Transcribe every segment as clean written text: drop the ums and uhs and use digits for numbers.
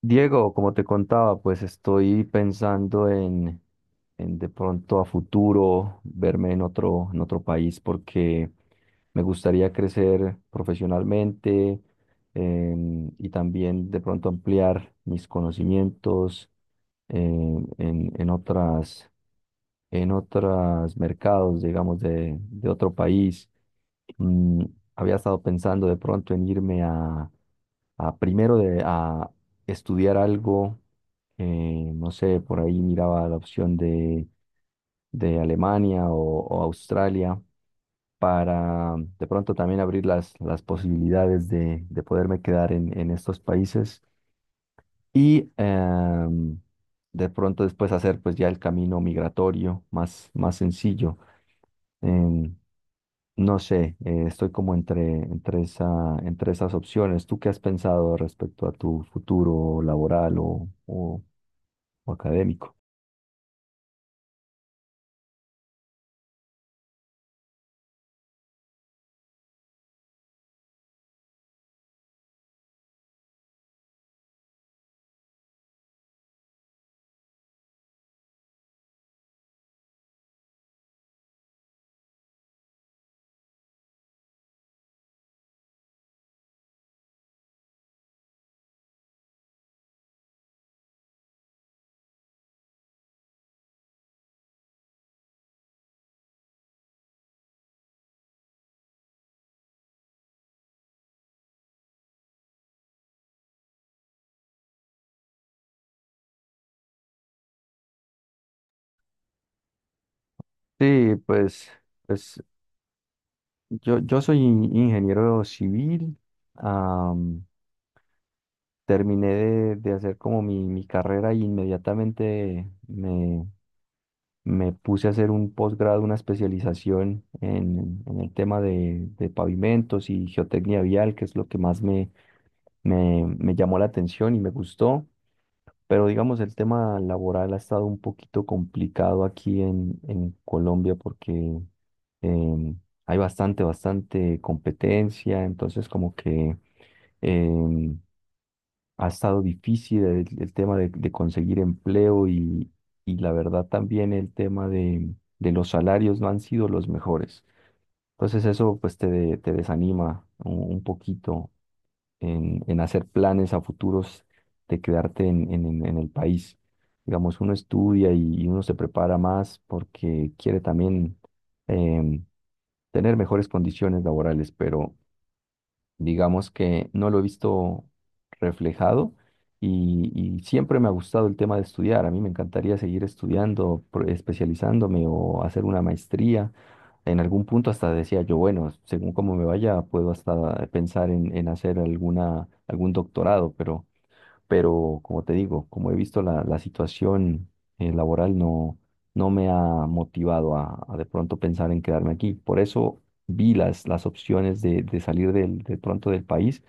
Diego, como te contaba, pues estoy pensando en de pronto a futuro verme en otro país porque me gustaría crecer profesionalmente, y también de pronto ampliar mis conocimientos en, en, en otras, en otros mercados, digamos, de otro país. Mm, había estado pensando de pronto en irme a estudiar algo. No sé, por ahí miraba la opción de Alemania o Australia para de pronto también abrir las posibilidades de poderme quedar en estos países y, de pronto, después hacer pues ya el camino migratorio más sencillo. Em, no sé, estoy como entre esas opciones. ¿Tú qué has pensado respecto a tu futuro laboral o académico? Sí, pues yo soy ingeniero civil. am, terminé de hacer como mi carrera, y inmediatamente me puse a hacer un posgrado, una especialización en el tema de pavimentos y geotecnia vial, que es lo que más me llamó la atención y me gustó. Pero digamos, el tema laboral ha estado un poquito complicado aquí en Colombia porque, em, hay bastante, bastante competencia, entonces como que, em, ha estado difícil el tema de conseguir empleo, y la verdad también el tema de los salarios no han sido los mejores. Entonces eso pues te desanima un poquito en hacer planes a futuros de quedarte en en el país. Digamos, uno estudia, y uno se prepara más porque quiere también, em, tener mejores condiciones laborales, pero digamos que no lo he visto reflejado, y siempre me ha gustado el tema de estudiar. A mí me encantaría seguir estudiando, especializándome o hacer una maestría. En algún punto hasta decía yo, bueno, según cómo me vaya, puedo hasta pensar en hacer algún doctorado, pero, como te digo, como he visto la situación, laboral, no me ha motivado a de pronto pensar en quedarme aquí. Por eso vi las opciones de salir de pronto del país,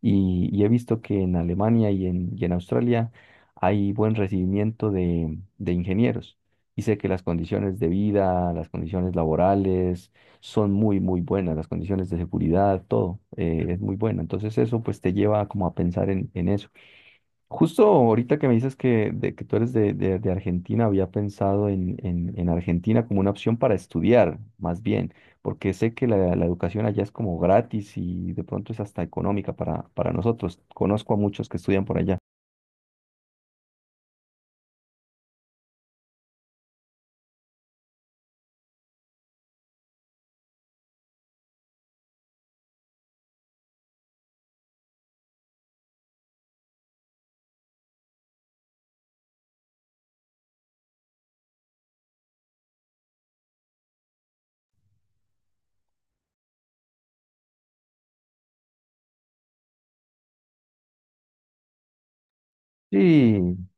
y he visto que en Alemania y y en Australia hay buen recibimiento de ingenieros. Y sé que las condiciones de vida, las condiciones laborales son muy, muy buenas, las condiciones de seguridad, todo, es muy bueno. Entonces eso pues te lleva como a pensar en eso. Justo ahorita que me dices que tú eres de Argentina, había pensado en Argentina como una opción para estudiar, más bien, porque sé que la educación allá es como gratis y de pronto es hasta económica para nosotros. Conozco a muchos que estudian por allá. Sí,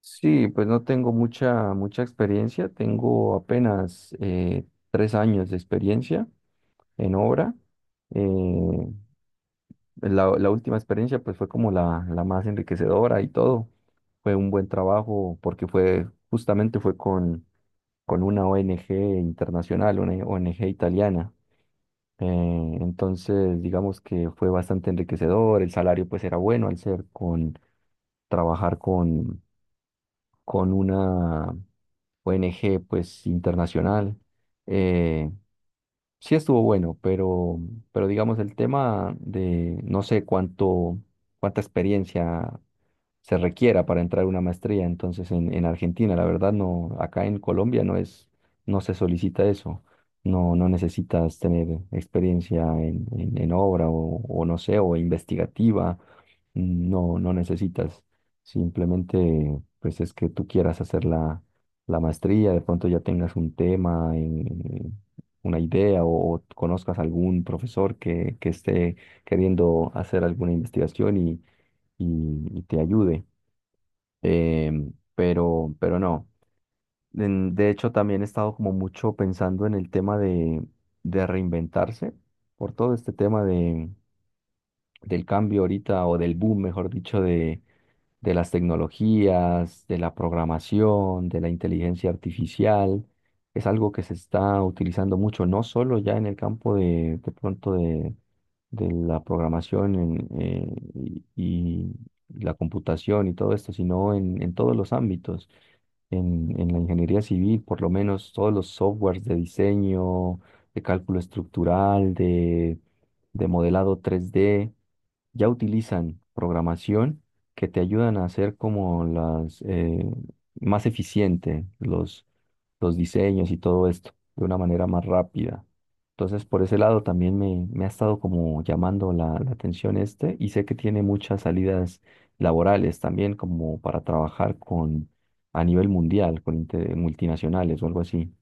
sí, pues no tengo mucha, mucha experiencia, tengo apenas, 3 años de experiencia en obra. Eh, la última experiencia pues fue como la más enriquecedora y todo. Fue un buen trabajo porque justamente fue con una ONG internacional, una ONG italiana. Entonces, digamos que fue bastante enriquecedor, el salario pues era bueno al ser con trabajar con una ONG pues internacional. Eh, sí estuvo bueno, pero, digamos el tema de no sé cuánta experiencia se requiera para entrar a una maestría. Entonces, en Argentina, la verdad, no, acá en Colombia no se solicita eso. No, no necesitas tener experiencia en obra, o no sé, o investigativa. No, no necesitas. Simplemente, pues es que tú quieras hacer la maestría, de pronto ya tengas un tema, en una idea, o conozcas algún profesor que esté queriendo hacer alguna investigación y te ayude, pero, no. De hecho, también he estado como mucho pensando en el tema de reinventarse por todo este tema del cambio ahorita, o del boom, mejor dicho, de las tecnologías, de la programación, de la inteligencia artificial. Es algo que se está utilizando mucho, no solo ya en el campo de pronto de la programación, y la computación y todo esto, sino en todos los ámbitos. En la ingeniería civil, por lo menos todos los softwares de diseño, de cálculo estructural, de modelado 3D, ya utilizan programación que te ayudan a hacer como las más eficiente los diseños y todo esto de una manera más rápida. Entonces, por ese lado también me ha estado como llamando la atención, y sé que tiene muchas salidas laborales también, como para trabajar con a nivel mundial, con multinacionales o algo así.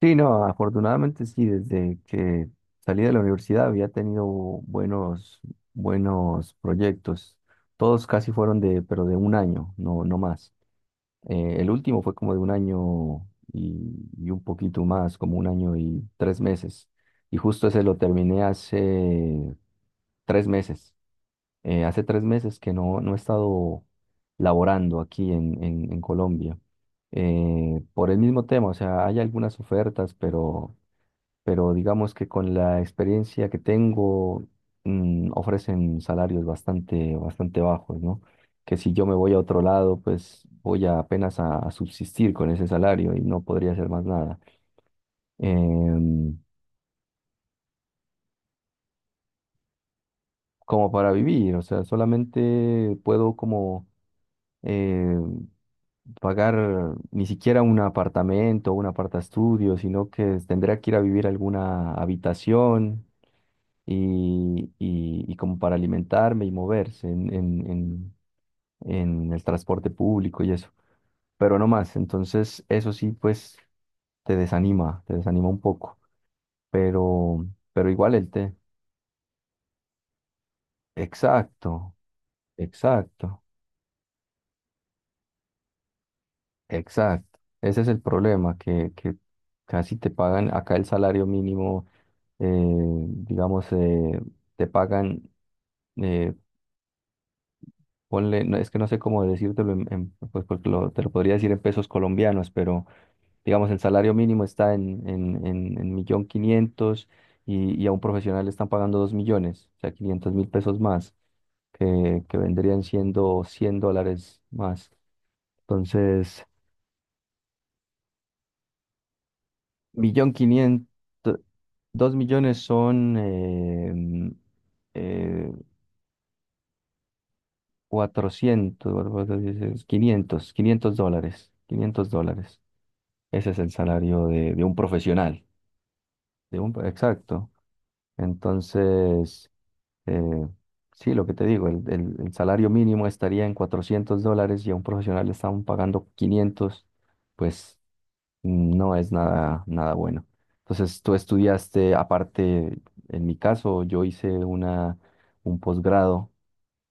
Sí, no, afortunadamente sí, desde que salí de la universidad había tenido buenos, buenos proyectos. Todos casi fueron pero de un año, no, no más. El último fue como de un año, y, y un poquito más, como un año y 3 meses. Y justo ese lo terminé hace 3 meses. Hace 3 meses que no he estado laborando aquí en Colombia, por el mismo tema. O sea, hay algunas ofertas, pero digamos que con la experiencia que tengo, ofrecen salarios bastante, bastante bajos, ¿no? Que si yo me voy a otro lado, pues voy a apenas a subsistir con ese salario y no podría hacer más nada. Em, como para vivir, o sea, solamente puedo como, eh, pagar ni siquiera un apartamento o un apartaestudio, sino que tendría que ir a vivir a alguna habitación, y como para alimentarme y moverse en el transporte público y eso, pero no más. Entonces, eso sí, pues te desanima un poco, pero, pero igual el té. Exacto, exacto. Exacto, ese es el problema, que casi te pagan acá el salario mínimo. Eh, digamos, te pagan, eh, ponle, no, es que no sé cómo decírtelo, pues porque te lo podría decir en pesos colombianos, pero digamos, el salario mínimo está en 1.500.000, y a un profesional le están pagando 2.000.000, o sea, 500.000 pesos más, que vendrían siendo $100 más. Entonces. 1.500.000, 2.000.000 son, eh, 400, cuatrocientos, dices, 500 $500, $500. Ese es el salario de un profesional, de un, exacto. Entonces, eh, sí, lo que te digo, el salario mínimo estaría en $400 y a un profesional le estaban pagando 500. Pues no es nada, nada bueno. Entonces, tú estudiaste, aparte, en mi caso, yo hice un posgrado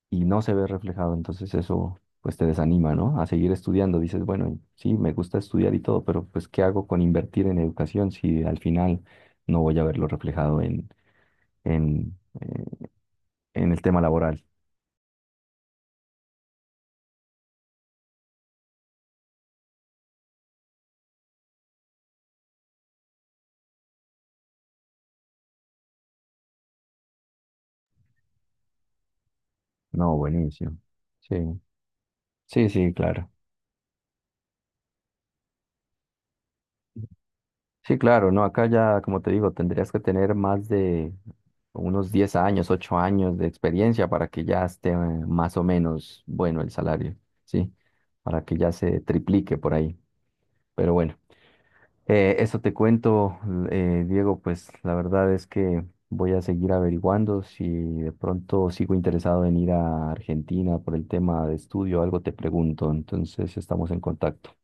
y no se ve reflejado, entonces eso pues te desanima, ¿no? A seguir estudiando. Dices, bueno, sí, me gusta estudiar y todo, pero pues ¿qué hago con invertir en educación si al final no voy a verlo reflejado en, eh, en el tema laboral? No, buenísimo. Sí, sí, sí, claro. Sí, claro, no, acá ya, como te digo, tendrías que tener más de unos 10 años, 8 años de experiencia para que ya esté, más o menos bueno el salario, ¿sí? Para que ya se triplique por ahí. Pero bueno, eso te cuento, Diego, pues la verdad es que voy a seguir averiguando. Si de pronto sigo interesado en ir a Argentina por el tema de estudio, algo te pregunto, entonces estamos en contacto.